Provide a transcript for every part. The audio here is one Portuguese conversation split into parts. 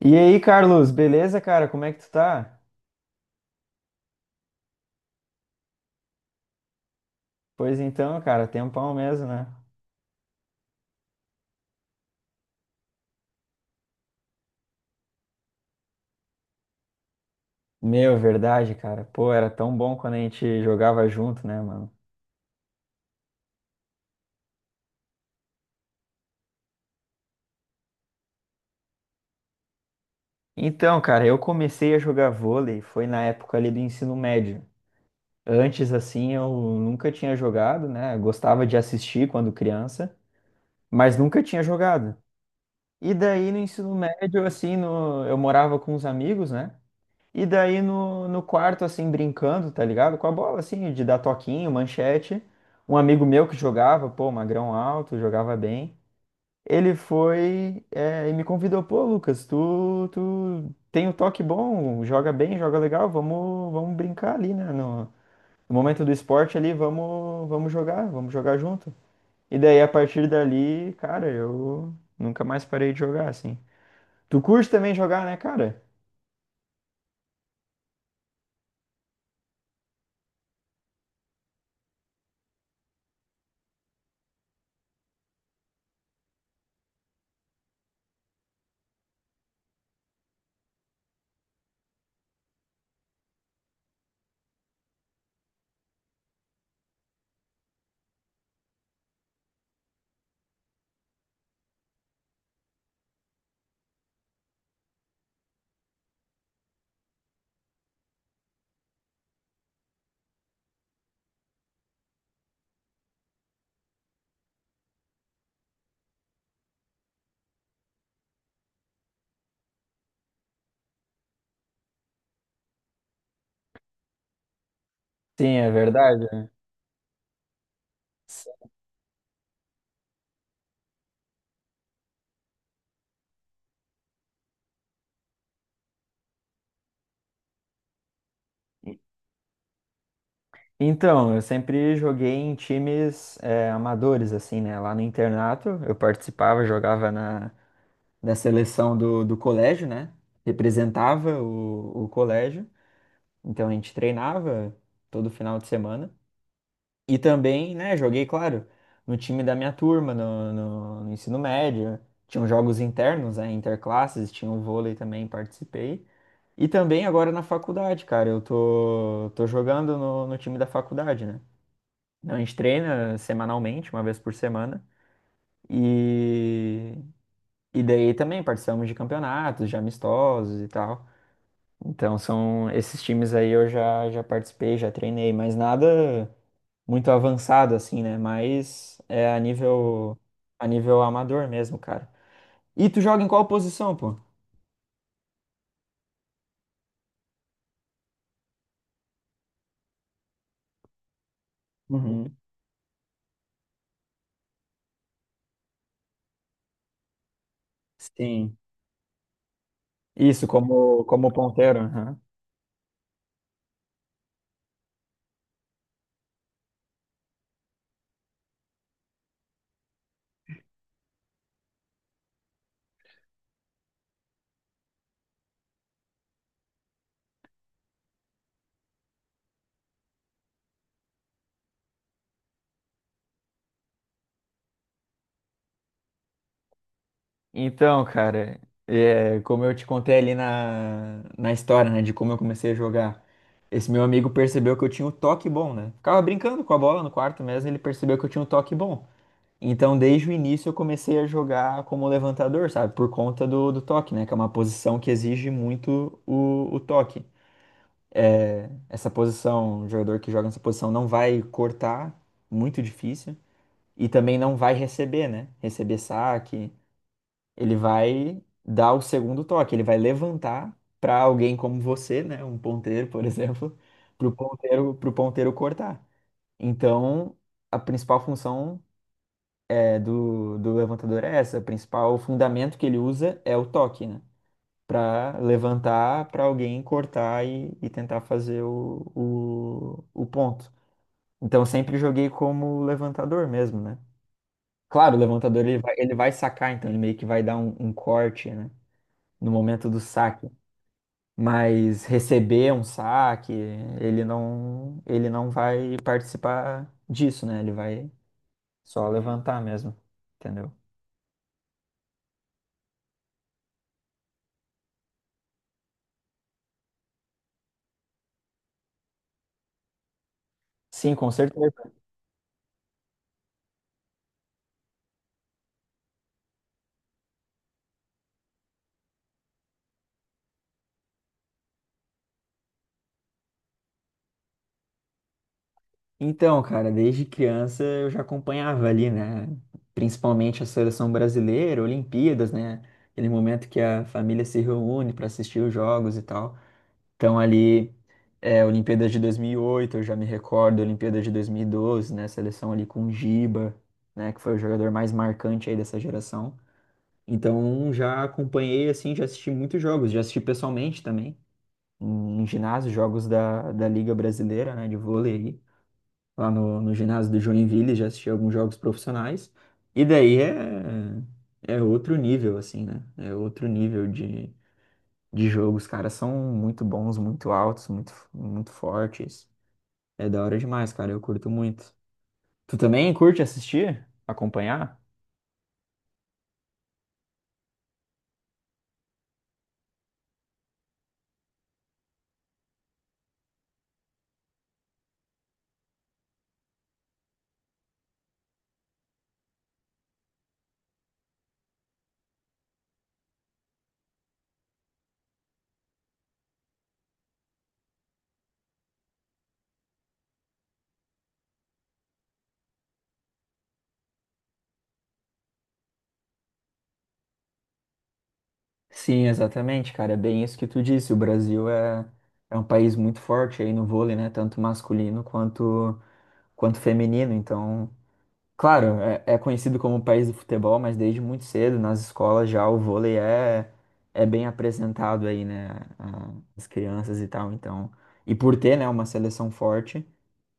E aí, Carlos, beleza, cara? Como é que tu tá? Pois então, cara, tempão mesmo, né? Meu, verdade, cara. Pô, era tão bom quando a gente jogava junto, né, mano? Então, cara, eu comecei a jogar vôlei, foi na época ali do ensino médio. Antes, assim, eu nunca tinha jogado, né? Gostava de assistir quando criança, mas nunca tinha jogado. E daí, no ensino médio, assim, no... eu morava com os amigos, né? E daí no quarto, assim, brincando, tá ligado? Com a bola, assim, de dar toquinho, manchete. Um amigo meu que jogava, pô, magrão alto, jogava bem. Ele foi, é, e me convidou, pô, Lucas, tu tem o toque bom, joga bem, joga legal, vamos brincar ali, né? No, no momento do esporte ali, vamos jogar, vamos jogar junto. E daí, a partir dali, cara, eu nunca mais parei de jogar, assim. Tu curte também jogar, né, cara? Sim, é verdade, né? Então, eu sempre joguei em times amadores, assim, né? Lá no internato, eu participava, jogava na seleção do colégio, né? Representava o colégio. Então, a gente treinava todo final de semana. E também, né, joguei, claro, no time da minha turma, no ensino médio. Tinham jogos internos, né? Interclasses, tinha o vôlei também, participei. E também agora na faculdade, cara, eu tô jogando no time da faculdade, né? Então, a gente treina semanalmente, uma vez por semana. E, e daí também participamos de campeonatos, de amistosos e tal. Então, são esses times aí eu já participei, já treinei, mas nada muito avançado assim, né? Mas é a nível amador mesmo, cara. E tu joga em qual posição, pô? Uhum. Sim. Isso, como, como ponteiro. Aham. Então, cara, é, como eu te contei ali na história, né, de como eu comecei a jogar, esse meu amigo percebeu que eu tinha um toque bom, né? Ficava brincando com a bola no quarto mesmo, ele percebeu que eu tinha um toque bom. Então, desde o início, eu comecei a jogar como levantador, sabe? Por conta do toque, né? Que é uma posição que exige muito o toque. É, essa posição, o jogador que joga nessa posição não vai cortar, muito difícil, e também não vai receber, né? Receber saque, ele vai dar o segundo toque, ele vai levantar para alguém como você, né, um ponteiro, por exemplo, para o ponteiro, para ponteiro cortar. Então, a principal função é, do levantador é essa, o principal fundamento que ele usa é o toque, né, para levantar para alguém cortar e tentar fazer o ponto. Então, sempre joguei como levantador mesmo, né? Claro, o levantador ele vai sacar, então ele meio que vai dar um corte, né? No momento do saque. Mas receber um saque, ele não vai participar disso, né? Ele vai só levantar mesmo, entendeu? Sim, com certeza. Então, cara, desde criança eu já acompanhava ali, né? Principalmente a seleção brasileira, Olimpíadas, né? Aquele momento que a família se reúne para assistir os jogos e tal. Então ali, é, Olimpíadas de 2008, eu já me recordo, Olimpíadas de 2012, né, seleção ali com o Giba, né, que foi o jogador mais marcante aí dessa geração. Então já acompanhei, assim, já assisti muitos jogos, já assisti pessoalmente também, em, em ginásio, jogos da Liga Brasileira, né, de vôlei aí, lá no ginásio do Joinville, já assisti alguns jogos profissionais. E daí é, é outro nível, assim, né, é outro nível de jogo. Os caras são muito bons, muito altos, muito, muito fortes. É da hora demais, cara. Eu curto muito. Tu também curte assistir? Acompanhar? Sim, exatamente, cara. É bem isso que tu disse. O Brasil é, é um país muito forte aí no vôlei, né? Tanto masculino quanto, quanto feminino. Então, claro, é, é conhecido como o país do futebol, mas desde muito cedo, nas escolas já, o vôlei é, é bem apresentado aí, né? a- As crianças e tal. Então, e por ter, né, uma seleção forte.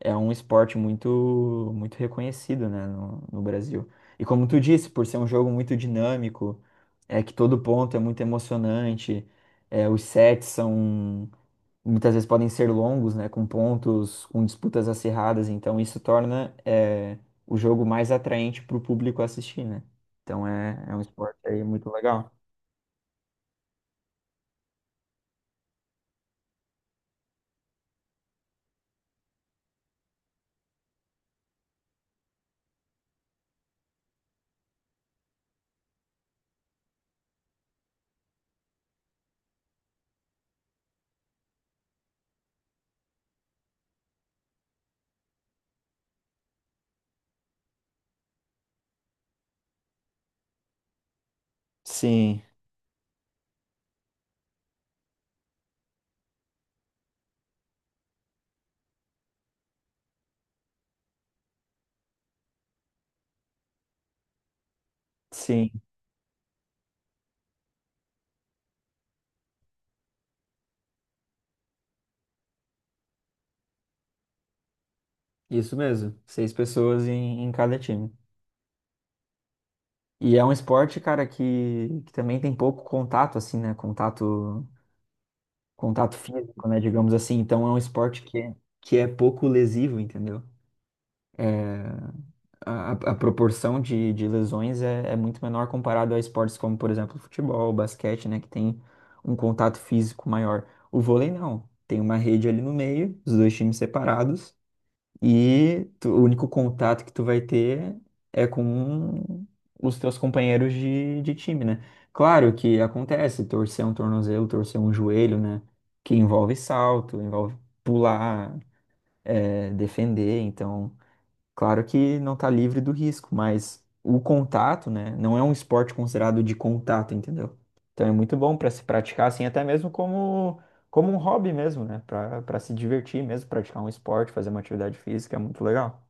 É um esporte muito, muito reconhecido, né, no Brasil. E como tu disse, por ser um jogo muito dinâmico, é que todo ponto é muito emocionante, é, os sets são, muitas vezes podem ser longos, né, com pontos, com disputas acirradas, então isso torna, é, o jogo mais atraente para o público assistir, né? Então é, é um esporte aí muito legal. Sim, sim, isso mesmo. Seis pessoas em, em cada time. E é um esporte, cara, que também tem pouco contato, assim, né? Contato, contato físico, né? Digamos assim. Então é um esporte que é pouco lesivo, entendeu? É, a proporção de lesões é, é muito menor comparado a esportes como, por exemplo, futebol, basquete, né? Que tem um contato físico maior. O vôlei não. Tem uma rede ali no meio, os dois times separados. E tu- o único contato que tu vai ter é com os teus companheiros de time, né? Claro que acontece, torcer um tornozelo, torcer um joelho, né? Que envolve salto, envolve pular, defender, então. Claro que não está livre do risco, mas o contato, né, não é um esporte considerado de contato, entendeu? Então é muito bom para se praticar assim, até mesmo como, como um hobby mesmo, né? Para para se divertir mesmo, praticar um esporte, fazer uma atividade física, é muito legal.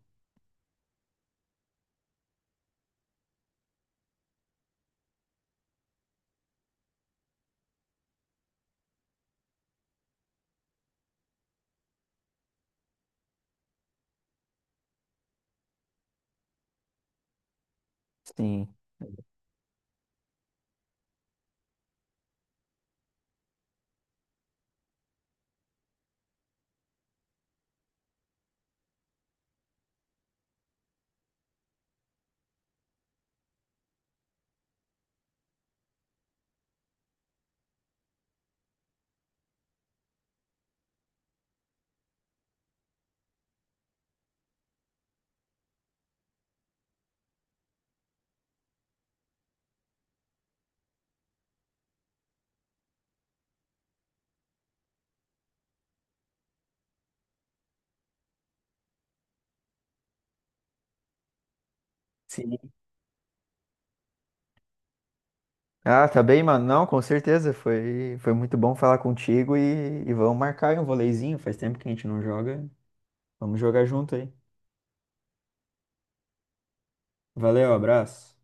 Sim. Sim. Ah, tá bem, mano. Não, com certeza. Foi, foi muito bom falar contigo e vamos marcar aí um voleizinho. Faz tempo que a gente não joga. Vamos jogar junto aí. Valeu, abraço.